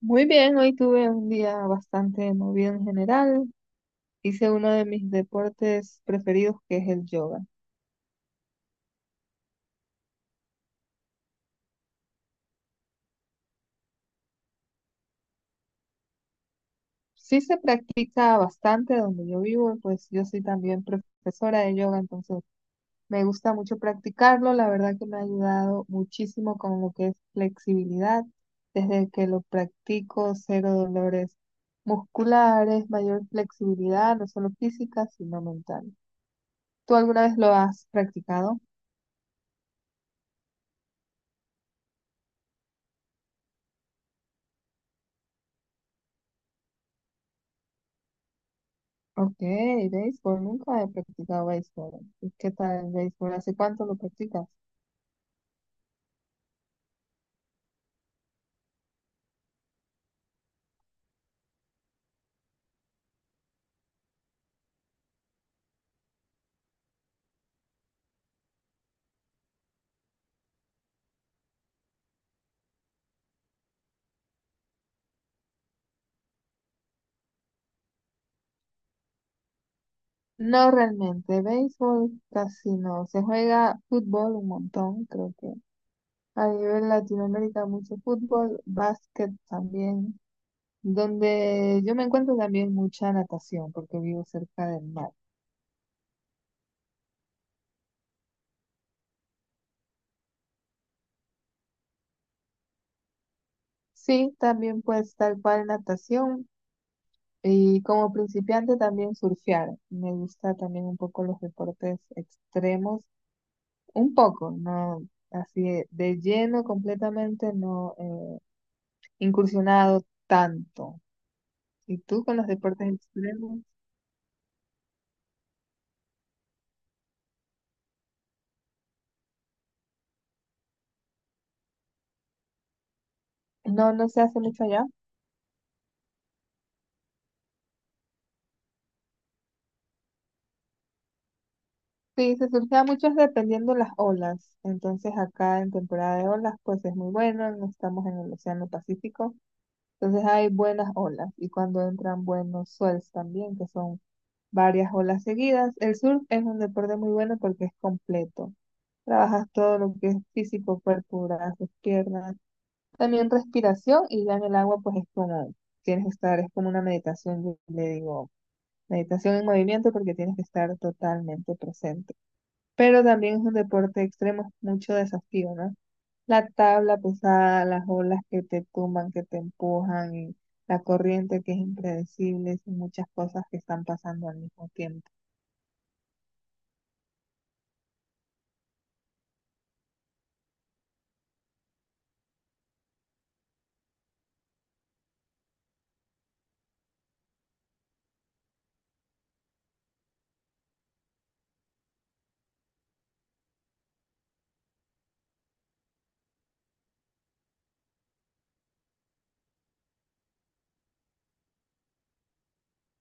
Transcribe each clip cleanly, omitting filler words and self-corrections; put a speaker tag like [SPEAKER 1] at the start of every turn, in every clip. [SPEAKER 1] Muy bien, hoy tuve un día bastante movido en general. Hice uno de mis deportes preferidos que es el yoga. Sí se practica bastante donde yo vivo, pues yo soy también profesora de yoga, entonces me gusta mucho practicarlo. La verdad que me ha ayudado muchísimo con lo que es flexibilidad. Desde que lo practico, cero dolores musculares, mayor flexibilidad, no solo física, sino mental. ¿Tú alguna vez lo has practicado? Ok, béisbol, nunca he practicado béisbol. ¿Y qué tal el béisbol? ¿Hace cuánto lo practicas? No realmente, béisbol casi no. Se juega fútbol un montón, creo que a nivel Latinoamérica mucho fútbol, básquet también, donde yo me encuentro también mucha natación porque vivo cerca del mar. Sí, también pues tal cual natación y como principiante también surfear. Me gusta también un poco los deportes extremos. Un poco, no así de lleno completamente, no incursionado tanto. ¿Y tú con los deportes extremos? No, no se hace mucho allá. Sí, se surgía mucho dependiendo las olas. Entonces acá en temporada de olas, pues es muy bueno, no estamos en el Océano Pacífico. Entonces hay buenas olas y cuando entran buenos swells también, que son varias olas seguidas. El surf es un deporte muy bueno porque es completo. Trabajas todo lo que es físico, cuerpo, brazos, piernas. También respiración y ya en el agua pues es como, tienes que estar, es como una meditación, yo le digo, meditación en movimiento porque tienes que estar totalmente presente. Pero también es un deporte extremo, es mucho desafío, ¿no? La tabla pesada, las olas que te tumban, que te empujan, y la corriente que es impredecible, son muchas cosas que están pasando al mismo tiempo.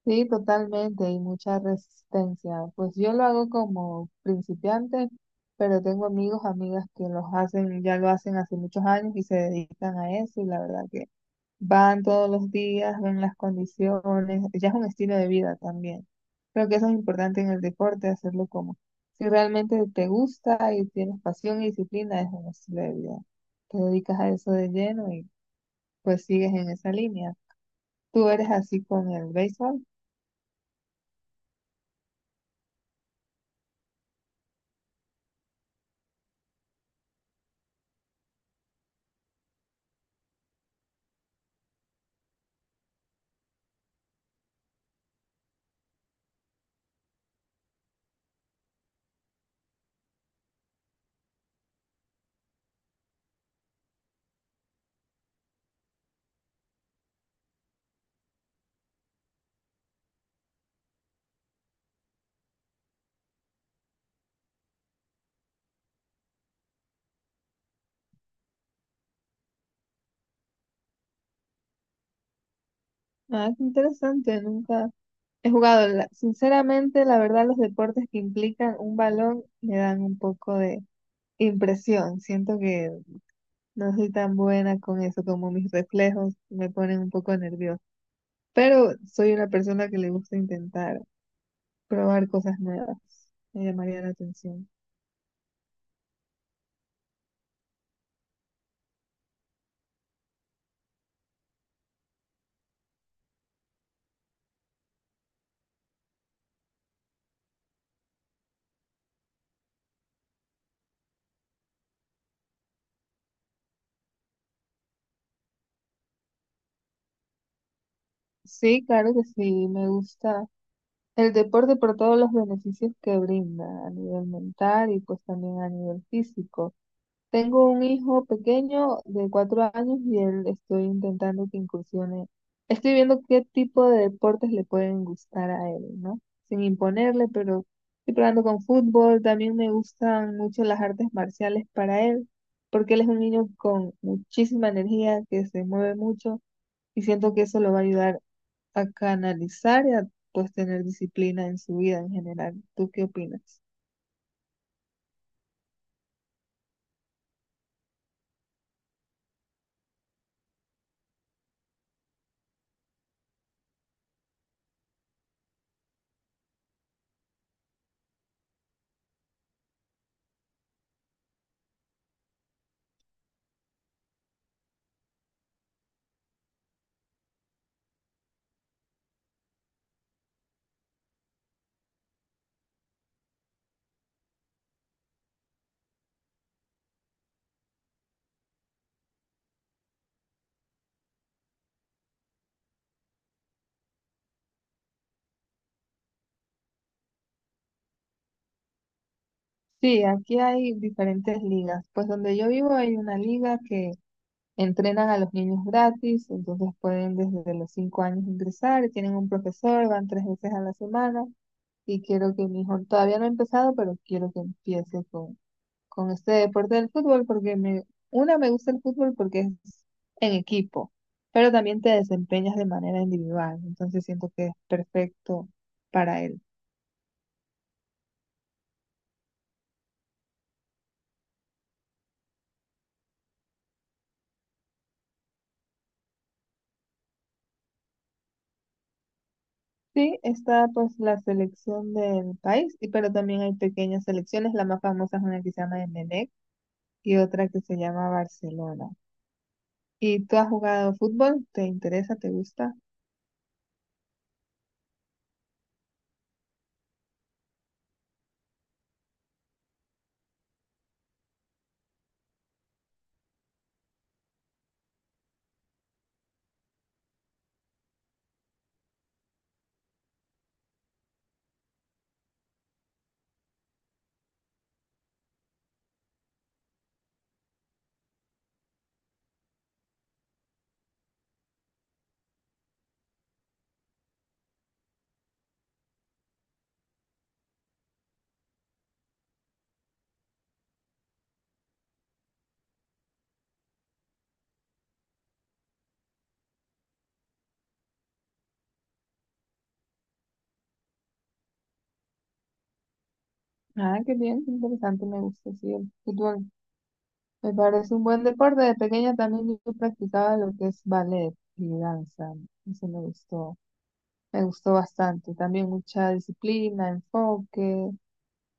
[SPEAKER 1] Sí, totalmente, y mucha resistencia. Pues yo lo hago como principiante, pero tengo amigos, amigas que los hacen, ya lo hacen hace muchos años y se dedican a eso, y la verdad que van todos los días, ven las condiciones, ya es un estilo de vida también. Creo que eso es importante en el deporte, hacerlo como si realmente te gusta y tienes pasión y disciplina, es un estilo de vida. Te dedicas a eso de lleno y pues sigues en esa línea. ¿Tú eres así con el béisbol? Ah, qué interesante, nunca he jugado. Sinceramente, la verdad, los deportes que implican un balón me dan un poco de impresión. Siento que no soy tan buena con eso, como mis reflejos me ponen un poco nerviosa. Pero soy una persona que le gusta intentar probar cosas nuevas. Me llamaría la atención. Sí, claro que sí, me gusta el deporte por todos los beneficios que brinda a nivel mental y pues también a nivel físico. Tengo un hijo pequeño de 4 años y él estoy intentando que incursione. Estoy viendo qué tipo de deportes le pueden gustar a él, ¿no? Sin imponerle, pero estoy probando con fútbol. También me gustan mucho las artes marciales para él, porque él es un niño con muchísima energía, que se mueve mucho y siento que eso lo va a ayudar a canalizar y a pues tener disciplina en su vida en general. ¿Tú qué opinas? Sí, aquí hay diferentes ligas. Pues donde yo vivo hay una liga que entrenan a los niños gratis, entonces pueden desde los 5 años ingresar, tienen un profesor, van tres veces a la semana y quiero que mi hijo, todavía no ha empezado, pero quiero que empiece con este deporte del fútbol porque me, una, me gusta el fútbol porque es en equipo, pero también te desempeñas de manera individual, entonces siento que es perfecto para él. Sí, está pues la selección del país, y pero también hay pequeñas selecciones. La más famosa es una que se llama Emelec y otra que se llama Barcelona. ¿Y tú has jugado fútbol? ¿Te interesa? ¿Te gusta? Ah, qué bien, qué interesante, me gusta, sí, el fútbol me parece un buen deporte. De pequeña también yo practicaba lo que es ballet y danza. Eso me gustó bastante. También mucha disciplina, enfoque,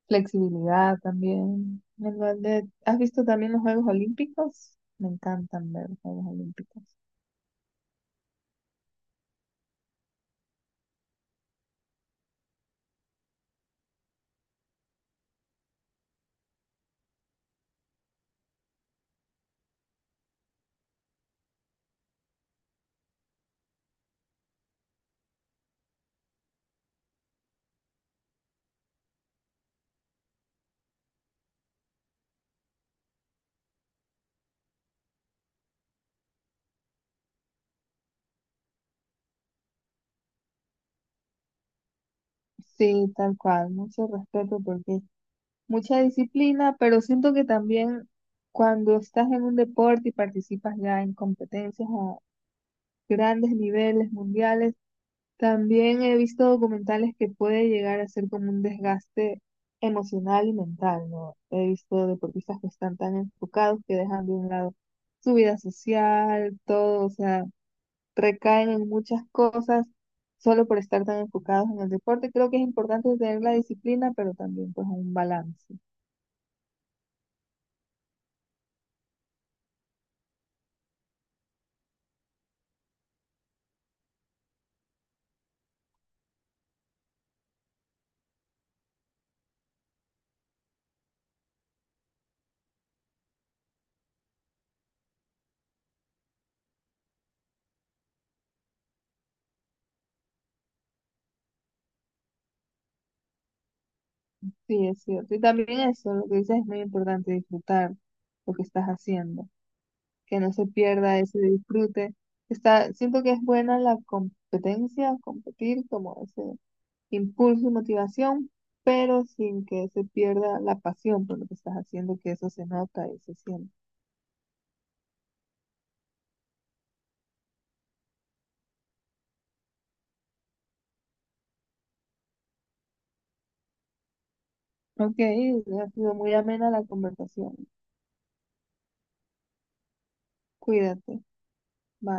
[SPEAKER 1] flexibilidad también. El ballet. ¿Has visto también los Juegos Olímpicos? Me encantan ver los Juegos Olímpicos. Sí, tal cual, mucho respeto porque mucha disciplina, pero siento que también cuando estás en un deporte y participas ya en competencias a grandes niveles mundiales, también he visto documentales que puede llegar a ser como un desgaste emocional y mental, ¿no? He visto deportistas que están tan enfocados que dejan de un lado su vida social, todo, o sea, recaen en muchas cosas solo por estar tan enfocados en el deporte. Creo que es importante tener la disciplina, pero también pues un balance. Sí, es cierto. Y también eso, lo que dices es muy importante, disfrutar lo que estás haciendo, que no se pierda ese disfrute. Está, siento que es buena la competencia, competir como ese impulso y motivación, pero sin que se pierda la pasión por lo que estás haciendo, que eso se nota y se siente. Ok, ha sido muy amena la conversación. Cuídate. Bye.